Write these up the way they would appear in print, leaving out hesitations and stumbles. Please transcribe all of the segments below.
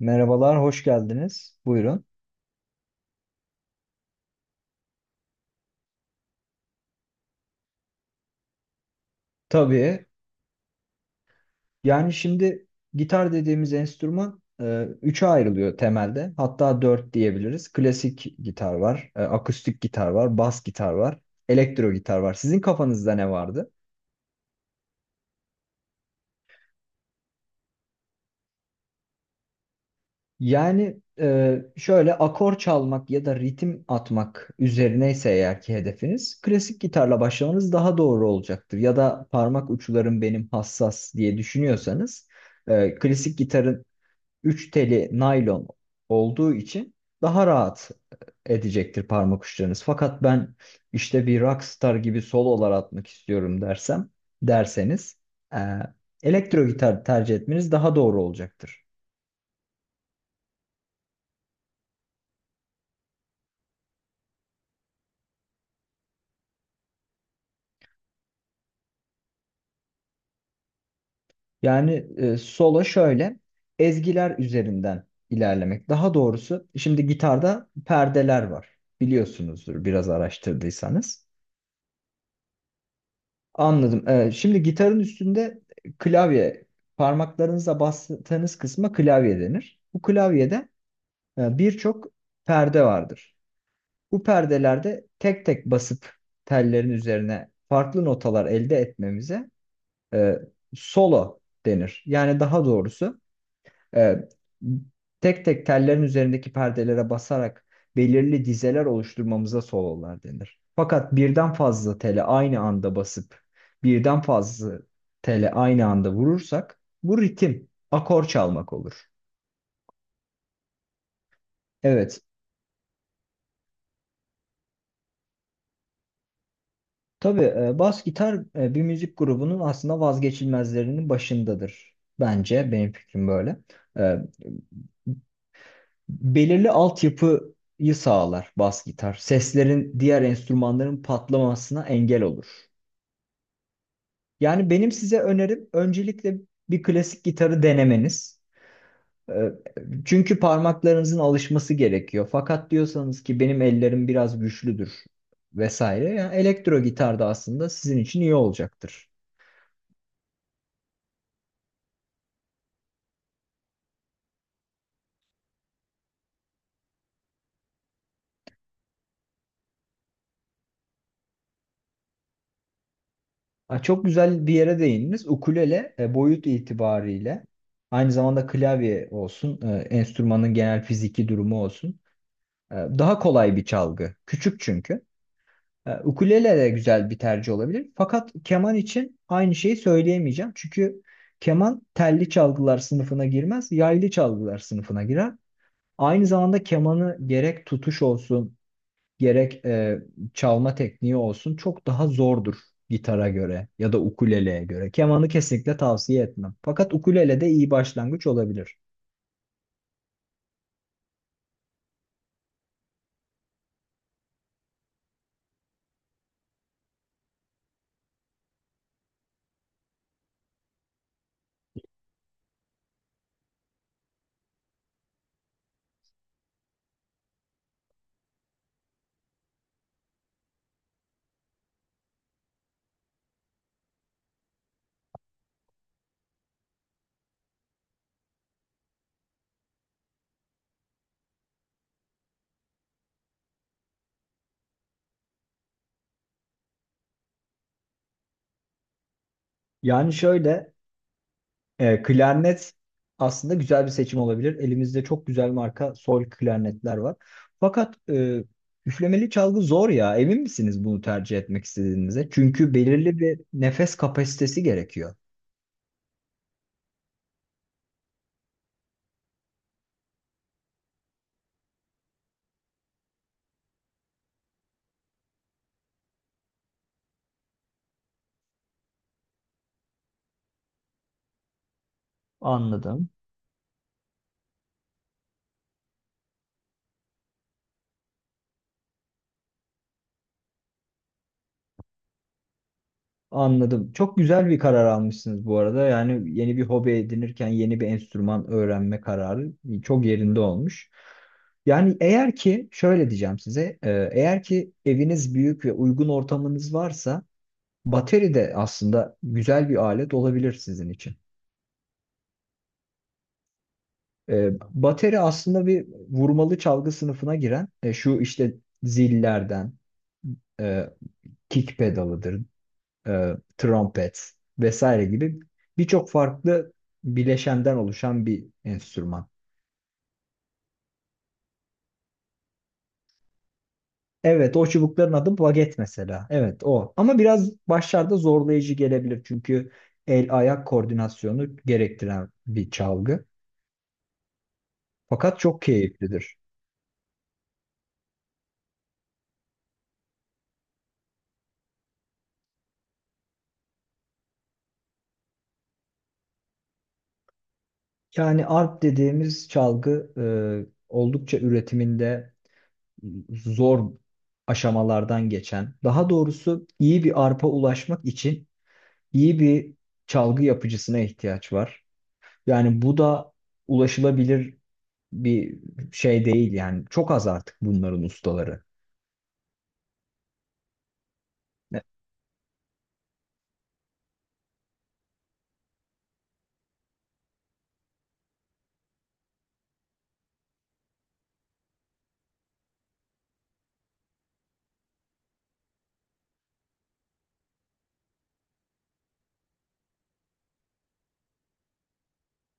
Merhabalar, hoş geldiniz. Buyurun. Tabii. Yani, şimdi gitar dediğimiz enstrüman üçe ayrılıyor temelde. Hatta dört diyebiliriz. Klasik gitar var, akustik gitar var, bas gitar var, elektro gitar var. Sizin kafanızda ne vardı? Yani, şöyle akor çalmak ya da ritim atmak üzerineyse eğer ki hedefiniz, klasik gitarla başlamanız daha doğru olacaktır. Ya da parmak uçlarım benim hassas diye düşünüyorsanız, klasik gitarın üç teli naylon olduğu için daha rahat edecektir parmak uçlarınız. Fakat ben işte bir rockstar gibi sololar atmak istiyorum derseniz, e, elektro gitar tercih etmeniz daha doğru olacaktır. Yani, solo şöyle ezgiler üzerinden ilerlemek. Daha doğrusu şimdi gitarda perdeler var. Biliyorsunuzdur biraz araştırdıysanız. Anladım. Şimdi gitarın üstünde klavye, parmaklarınızla bastığınız kısma klavye denir. Bu klavyede birçok perde vardır. Bu perdelerde tek tek basıp tellerin üzerine farklı notalar elde etmemize e, solo denir. Yani, daha doğrusu, e, tek tek tellerin üzerindeki perdelere basarak belirli dizeler oluşturmamıza sololar denir. Fakat birden fazla tele aynı anda basıp birden fazla tele aynı anda vurursak bu ritim, akor çalmak olur. Evet. Tabii, bas gitar, bir müzik grubunun aslında vazgeçilmezlerinin başındadır. Bence benim fikrim böyle. E, Belirli altyapıyı sağlar bas gitar. Seslerin diğer enstrümanların patlamasına engel olur. Yani, benim size önerim öncelikle bir klasik gitarı denemeniz. Ee, Çünkü parmaklarınızın alışması gerekiyor. Fakat diyorsanız ki benim ellerim biraz güçlüdür vesaire. Yani, elektro gitar da aslında sizin için iyi olacaktır. Ha, çok güzel bir yere değindiniz. Ukulele boyut itibariyle aynı zamanda klavye olsun, enstrümanın genel fiziki durumu olsun. Daha kolay bir çalgı. Küçük çünkü. Ukulele de güzel bir tercih olabilir. Fakat keman için aynı şeyi söyleyemeyeceğim. Çünkü keman telli çalgılar sınıfına girmez, yaylı çalgılar sınıfına girer. Aynı zamanda kemanı gerek tutuş olsun, gerek çalma tekniği olsun çok daha zordur gitara göre ya da ukuleleye göre. Kemanı kesinlikle tavsiye etmem. Fakat ukulele de iyi başlangıç olabilir. Yani, şöyle, klarnet aslında güzel bir seçim olabilir. Elimizde çok güzel marka sol klarnetler var. Fakat üflemeli çalgı zor ya. Emin misiniz bunu tercih etmek istediğinize? Çünkü belirli bir nefes kapasitesi gerekiyor. Anladım. Anladım. Çok güzel bir karar almışsınız bu arada. Yani, yeni bir hobi edinirken yeni bir enstrüman öğrenme kararı çok yerinde olmuş. Yani, eğer ki şöyle diyeceğim size, eğer ki eviniz büyük ve uygun ortamınız varsa bateri de aslında güzel bir alet olabilir sizin için. Bateri aslında bir vurmalı çalgı sınıfına giren, şu işte zillerden, e, kick pedalıdır, trompet vesaire gibi birçok farklı bileşenden oluşan bir enstrüman. Evet, o çubukların adı baget mesela. Evet, o. Ama biraz başlarda zorlayıcı gelebilir çünkü el ayak koordinasyonu gerektiren bir çalgı. Fakat çok keyiflidir. Yani, arp dediğimiz çalgı oldukça üretiminde zor aşamalardan geçen, daha doğrusu iyi bir arpa ulaşmak için iyi bir çalgı yapıcısına ihtiyaç var. Yani, bu da ulaşılabilir bir şey değil, yani çok az artık bunların ustaları.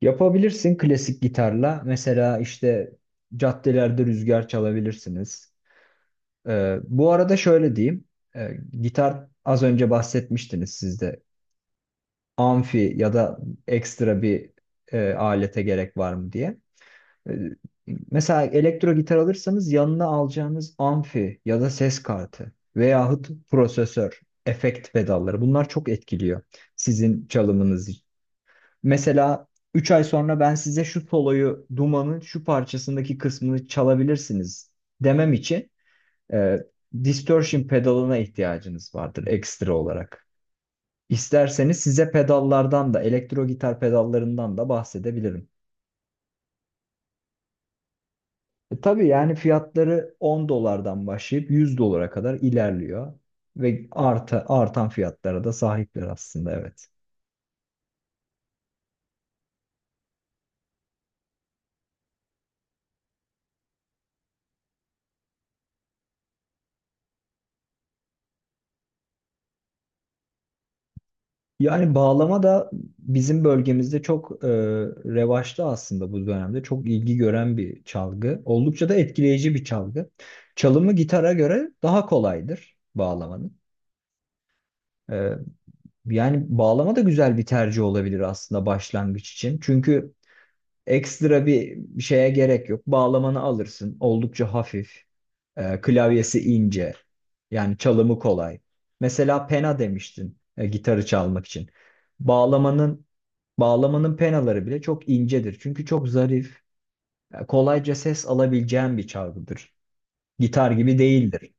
Yapabilirsin klasik gitarla mesela işte caddelerde rüzgar çalabilirsiniz. Bu arada şöyle diyeyim. Gitar az önce bahsetmiştiniz siz de. Amfi ya da ekstra bir alete gerek var mı diye. Ee, mesela elektro gitar alırsanız yanına alacağınız amfi ya da ses kartı veyahut prosesör, efekt pedalları bunlar çok etkiliyor sizin çalımınızı. Mesela 3 ay sonra ben size şu soloyu, Duman'ın şu parçasındaki kısmını çalabilirsiniz demem için e, distortion pedalına ihtiyacınız vardır ekstra olarak. İsterseniz size pedallardan da elektro gitar pedallarından da bahsedebilirim. Tabii, yani fiyatları 10 dolardan başlayıp 100 dolara kadar ilerliyor ve artan fiyatlara da sahipler aslında, evet. Yani, bağlama da bizim bölgemizde çok revaçta aslında bu dönemde. Çok ilgi gören bir çalgı. Oldukça da etkileyici bir çalgı. Çalımı gitara göre daha kolaydır bağlamanın. E, Yani, bağlama da güzel bir tercih olabilir aslında başlangıç için. Çünkü ekstra bir şeye gerek yok. Bağlamanı alırsın. Oldukça hafif. Klavyesi ince. Yani, çalımı kolay. Mesela pena demiştin gitarı çalmak için. Bağlamanın bağlamanın penaları bile çok incedir. Çünkü çok zarif, kolayca ses alabileceğin bir çalgıdır. Gitar gibi değildir.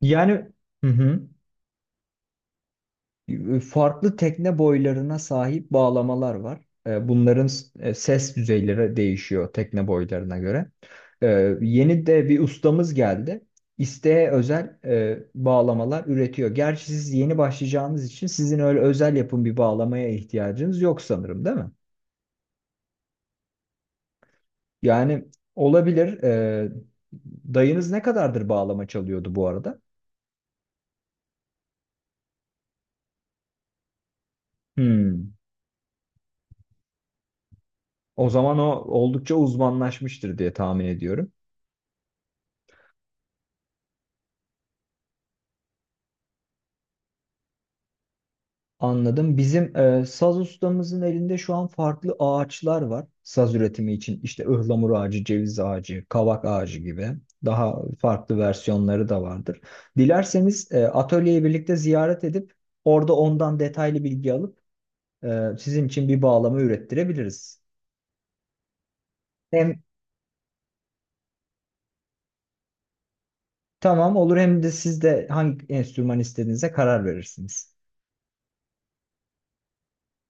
Yani, hı hı. Farklı tekne boylarına sahip bağlamalar var. Bunların ses düzeyleri değişiyor tekne boylarına göre. E, Yeni de bir ustamız geldi. İsteğe özel bağlamalar üretiyor. Gerçi siz yeni başlayacağınız için sizin öyle özel yapım bir bağlamaya ihtiyacınız yok sanırım, değil mi? Yani, olabilir. Dayınız ne kadardır bağlama çalıyordu bu arada? Hmm. O zaman o oldukça uzmanlaşmıştır diye tahmin ediyorum. Anladım. Bizim saz ustamızın elinde şu an farklı ağaçlar var. Saz üretimi için işte ıhlamur ağacı, ceviz ağacı, kavak ağacı gibi daha farklı versiyonları da vardır. Dilerseniz atölyeyi birlikte ziyaret edip orada ondan detaylı bilgi alıp sizin için bir bağlama ürettirebiliriz. Hem tamam olur hem de siz de hangi enstrüman istediğinize karar verirsiniz.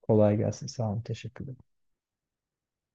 Kolay gelsin. Sağ olun. Teşekkürler.